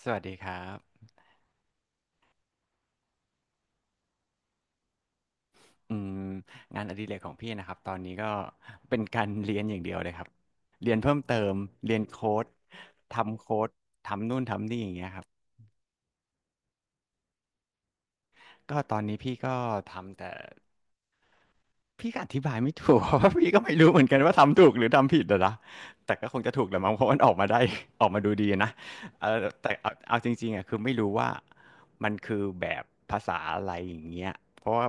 สวัสดีครับอืมงานอดิเรกของพี่นะครับตอนนี้ก็เป็นการเรียนอย่างเดียวเลยครับเรียนเพิ่มเติมเรียนโค้ดทำโค้ดทำนู่นทำนี่อย่างเงี้ยครับก็ตอนนี้พี่ก็ทำแต่ พี่ก็อธิบายไม่ถูก เพราะว่าพี่ก็ไม่รู้เหมือนกันว่าทำถูกหรือทำผิดอะนะแต่ก็คงจะถูกแหละมั้งเพราะมันออกมาได้ ออกมาดูดีนะเออแต่เอาจริงๆอะคือไม่รู้ว่ามันคือแบบภาษาอะไรอย่างเงี้ยเพราะว่า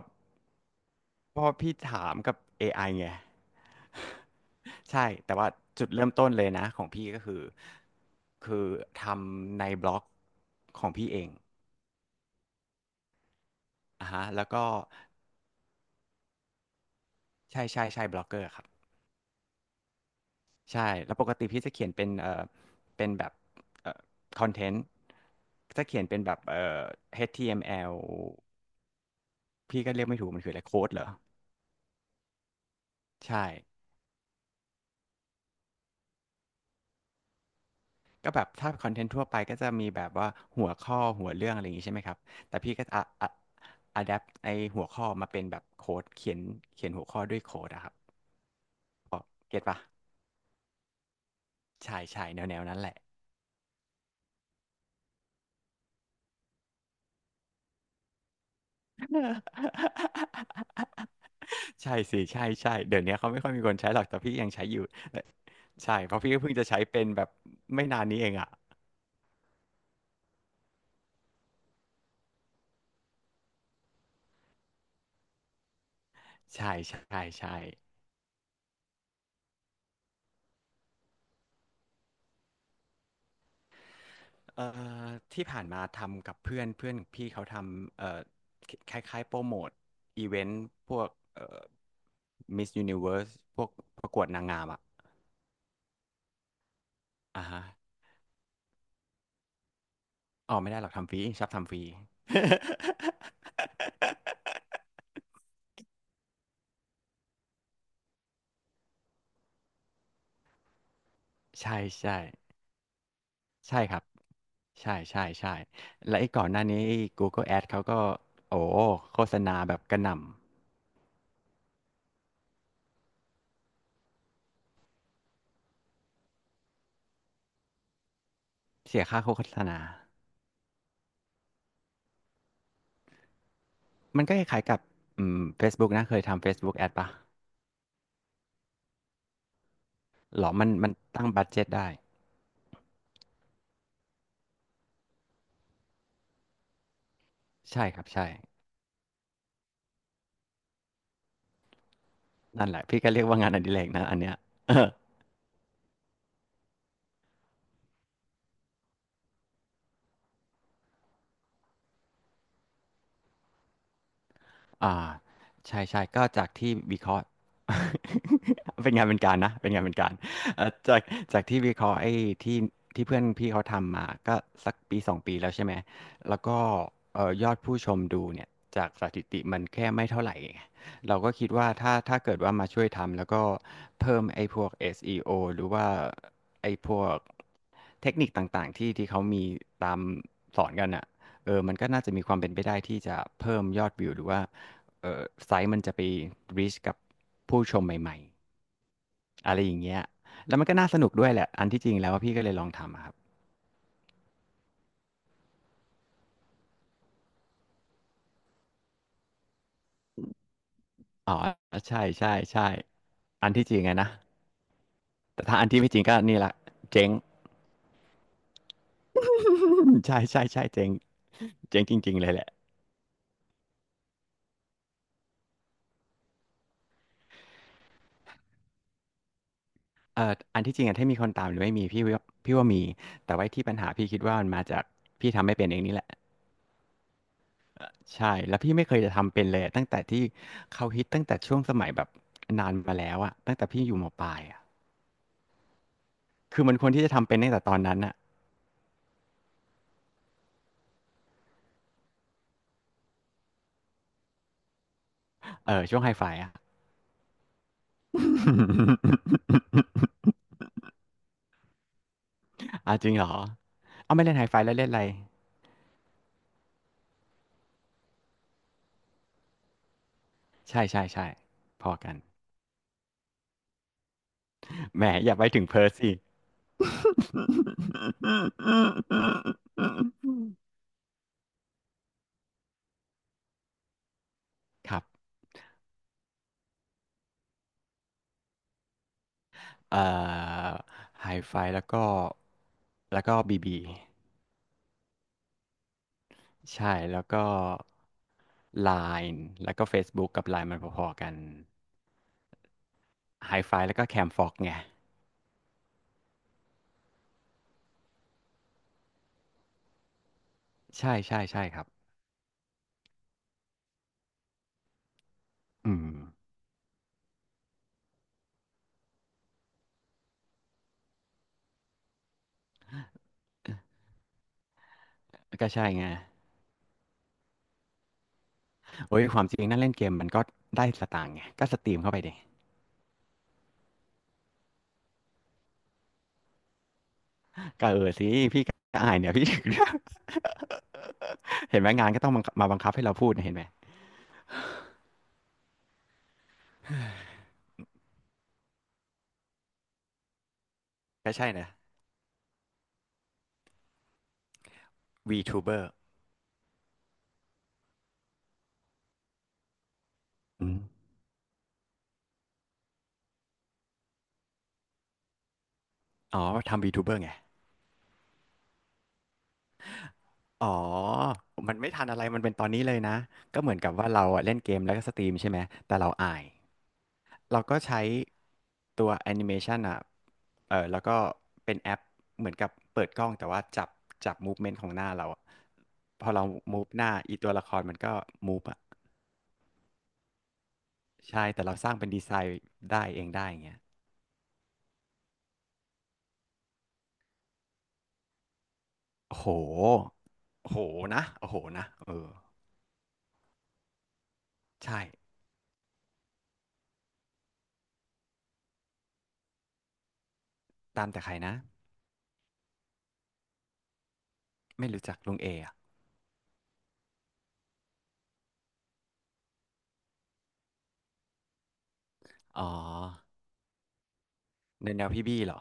เพราะว่าพี่ถามกับ AI ไอไง ใช่แต่ว่าจุดเริ่มต้นเลยนะของพี่ก็คือคือทำในบล็อกของพี่เองอ่ะฮะแล้วก็ใช่บล็อกเกอร์ครับ ใช่แล้วปกติพี่จะเขียนเป็นเป็นแบบเอ่อคอนเทนต์จะเขียนเป็นแบบHTML พี่ก็เรียกไม่ถูกมันคืออะไรโค้ดเหรอใช่ก็แบบถ้าคอนเทนต์ทั่วไปก็จะมีแบบว่าหัวข้อหัวเรื่องอะไรอย่างนี้ใช่ไหมครับแต่พี่ก็อะอะแดปไอหัวข้อมาเป็นแบบโค้ดเขียนเขียนหัวข้อด้วยโค้ดอะครับเก็ตปะใช่แนวแนวนั้นแหละ ใช่สิใช่เดี๋ยวนี้เขาไม่ค่อยมีคนใช้หรอกแต่พี่ยังใช้อยู่ใช่เพราะพี่ก็เพิ่งจะใช้เป็นแบบไม่นานนี้เองอ่ะใช่ใช่เอ่อที่ผ่านมาทำกับเพื่อนเพื่อนพี่เขาทำคล้ายๆโปรโมทอีเวนต์พวกเอ่อมิสยูนิเวิร์สพวกประกวดนางงามอ่ะอ่าฮะอ๋อไม่ได้หรอกทำฟรีชอบทำฟรี ใช่ใช่ใช่ครับ ใช่ใช่และไอ้ก่อนหน้านี้ไอ้ Google Ads เขาก็โอ้โฆษณาแบบกระหน่ำเสียค่าโฆษณามันก็คล้ายๆกับFacebook นะเคยทำ Facebook Ad ปะหรอมันตั้งบัดเจ็ตได้ใช่ครับใช่นั่นแหละพี่ก็เรียกว่างานอดิเรกนะอันเนี้ย อ่าใช่ก็จากที่วิเคราะห์ เป็นงานเป็นการนะเป็นงานเป็นการเอ่อจากจากที่วิเคราะห์ไอ้ที่ที่เพื่อนพี่เขาทำมาก็สักปีสองปีแล้วใช่ไหมแล้วก็เอ่อยอดผู้ชมดูเนี่ยจากสถิติมันแค่ไม่เท่าไหร่ไงเราก็คิดว่าถ้าเกิดว่ามาช่วยทำแล้วก็เพิ่มไอ้พวก SEO หรือว่าไอ้พวกเทคนิคต่างๆที่เขามีตามสอนกันอ่ะเออมันก็น่าจะมีความเป็นไปได้ที่จะเพิ่มยอดวิวหรือว่า เออไซต์มันจะไป reach กับผู้ชมใหม่ๆ อะไรอย่างเงี้ยแล้วมันก็น่าสนุกด้วยแหละอันที่จริงแล้วว่าพี่ก็เลยลองทำอะครับอ๋อ ใช่อันที่จริงอะนะแต่ถ้าอันที่ไม่จริงก็นี่แหละเจ๊ง ใช่เจ๊งเจ๊งจริงๆเลยแหละเอ่ออันที่จริงอะถ้ามีคนตามหรือไม่มีพี่ว่ามี แต่ว่าที่ปัญหาพี่คิดว่ามันมาจากพี่ทำไม่เป็นเองนี่แหละใช่แล้วพี่ไม่เคยจะทำเป็นเลยตั้งแต่ที่เขาฮิตตั้งแต่ช่วงสมัยแบบนานมาแล้วอะตั้งแต่พี่อยู่มปลายอะ คือมันควรที่จะทำเป็นตั้งแต่ตอนนั้นอะเออช่วงไฮไฟอะ อาจริงเหรอ เอาไม่เล่นไฮไฟแล้วเล่นอะไรใช่พอกันแหมอย่าไปถึงเพิร์สสิครับ เอ่อไฮไฟแล้วก็แล้วก็บีบีใช่แล้วก็ Line แล้วก็ Facebook กับ Line มันพอๆกันไฮไฟแล้วก็แคมฟ็อกไง ใช่ครับ อืม ก็ใช่ไง โอ้ย ความจริงนั่นเล่นเกมมันก็ได้สตางค์ไง ก็สตรีมเข้าไปดิก็เออสิ พี่ก็อายเนี่ยพี่ ถึง เห็นไหมงานก็ต้องบังคับมาบังคับให้เราพูดเนี่ยเห็นไหม ก็ใช่นะ VTuber อืมอ๋อทำ VTuber ไง อ๋อมันไม่ทันอะไรมันเป็นตอนนี้เลยนะ ก็เหมือนกับว่าเราอะเล่นเกมแล้วก็สตรีมใช่ไหม แต่เราอาย เราก็ใช้ตัวแอนิเมชันอ่ะ เออ แล้วก็เป็นแอปเหมือนกับเปิดกล้องแต่ว่าจับจับมูฟเมนต์ของหน้าเราอะพอเรามูฟหน้าอีตัวละครมันก็มูฟอ่ะใช่ แต่เราสร้างเป็นดีไซน์ได้เองได้อย่างเงี้ยโอ้โหโอ้โหนะโอ้โหนะเออใช่ตามแต่ใครนะไม่รู้จักลุงเออะอ๋อในแนวพี่บี้เหรอ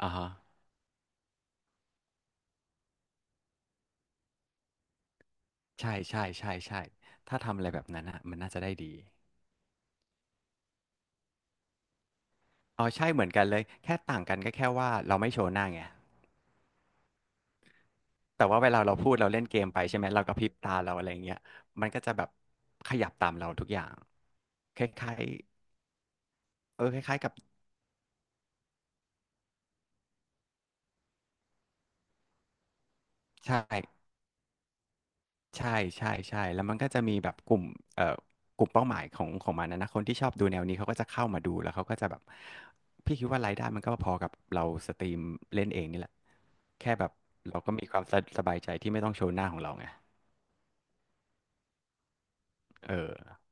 อ่าฮะใช่ใช่ใช่ใช่ถ้าทำอะไรแบบนั้นอ่ะมันน่าจะได้ดีอ๋อใช่เหมือนกันเลยแค่ต่างกันก็แค่ว่าเราไม่โชว์หน้าไงแต่ว่าเวลาเราพูดเราเล่นเกมไปใช่ไหมเรากระพริบตาเราอะไรเงี้ยมันก็จะแบบขยับตามเราทุกอย่างคล้ายๆเออคล้ายๆกับใช่ ใช่ใช่ใช่แล้วมันก็จะมีแบบกลุ่มเอ่อกลุ่มเป้าหมายของมันนะนะคนที่ชอบดูแนวนี้เขาก็จะเข้ามาดูแล้วเขาก็จะแบบพี่คิดว่ารายได้มันก็พอกับเราสตรีมเล่นเองนี่แหละแค่แบบเราก็มีความสสบายใจที่ไม่ต้องโชว์หน้าของเราไงเออ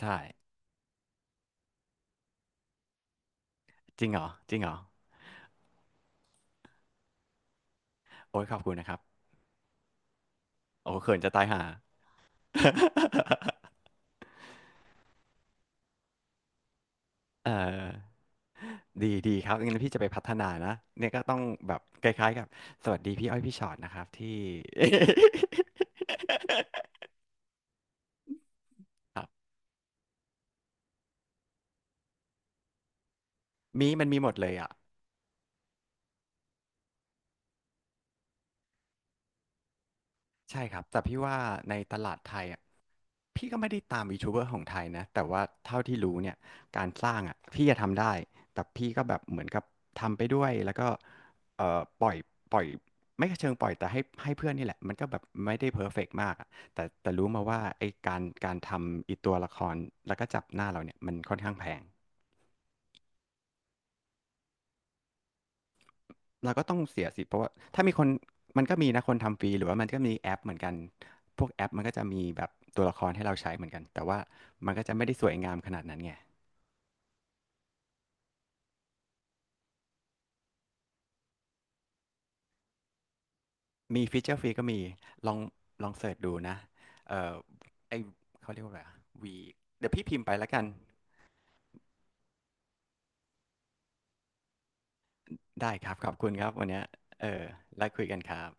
ใช่จริงเหรอจริงเหรอโอ้ยขอบคุณนะครับโอ้เขินจะตายห่า เออดีดีครับงั้นพี่จะไปพัฒนานะเนี่ยก็ต้องแบบคล้ายๆกับสวัสดีพี่อ้อยพี่ชอตนะครับที่ ครับมีมันมีหมดเลยอ่ะใช่ครับแต่พี่ว่าในตลาดไทยอ่ะพี่ก็ไม่ได้ตามยูทูบเบอร์ของไทยนะแต่ว่าเท่าที่รู้เนี่ยการสร้างอ่ะพี่จะทำได้แต่พี่ก็แบบเหมือนกับทำไปด้วยแล้วก็ปล่อยปล่อยไม่เชิงปล่อยแต่ให้เพื่อนนี่แหละมันก็แบบไม่ได้เพอร์เฟกต์มากอะแต่รู้มาว่าไอ้การทำอีตัวละครแล้วก็จับหน้าเราเนี่ยมันค่อนข้างแพง เราก็ต้องเสียสิเพราะว่าถ้ามีคนมันก็มีนะคนทำฟรีหรือว่ามันก็มีแอปเหมือนกันพวกแอปมันก็จะมีแบบตัวละครให้เราใช้เหมือนกันแต่ว่ามันก็จะไม่ได้สวยงามขนาดนั้นไงมีฟีเจอร์ฟรีก็มีลองลองเสิร์ชดูนะเอ่อไอเขาเรียกว่าอะไรวีเดี๋ยวพี่พิมพ์ไปแล้วกันได้ครับขอบคุณครับวันเนี้ยเออแล้วคุยกันครับ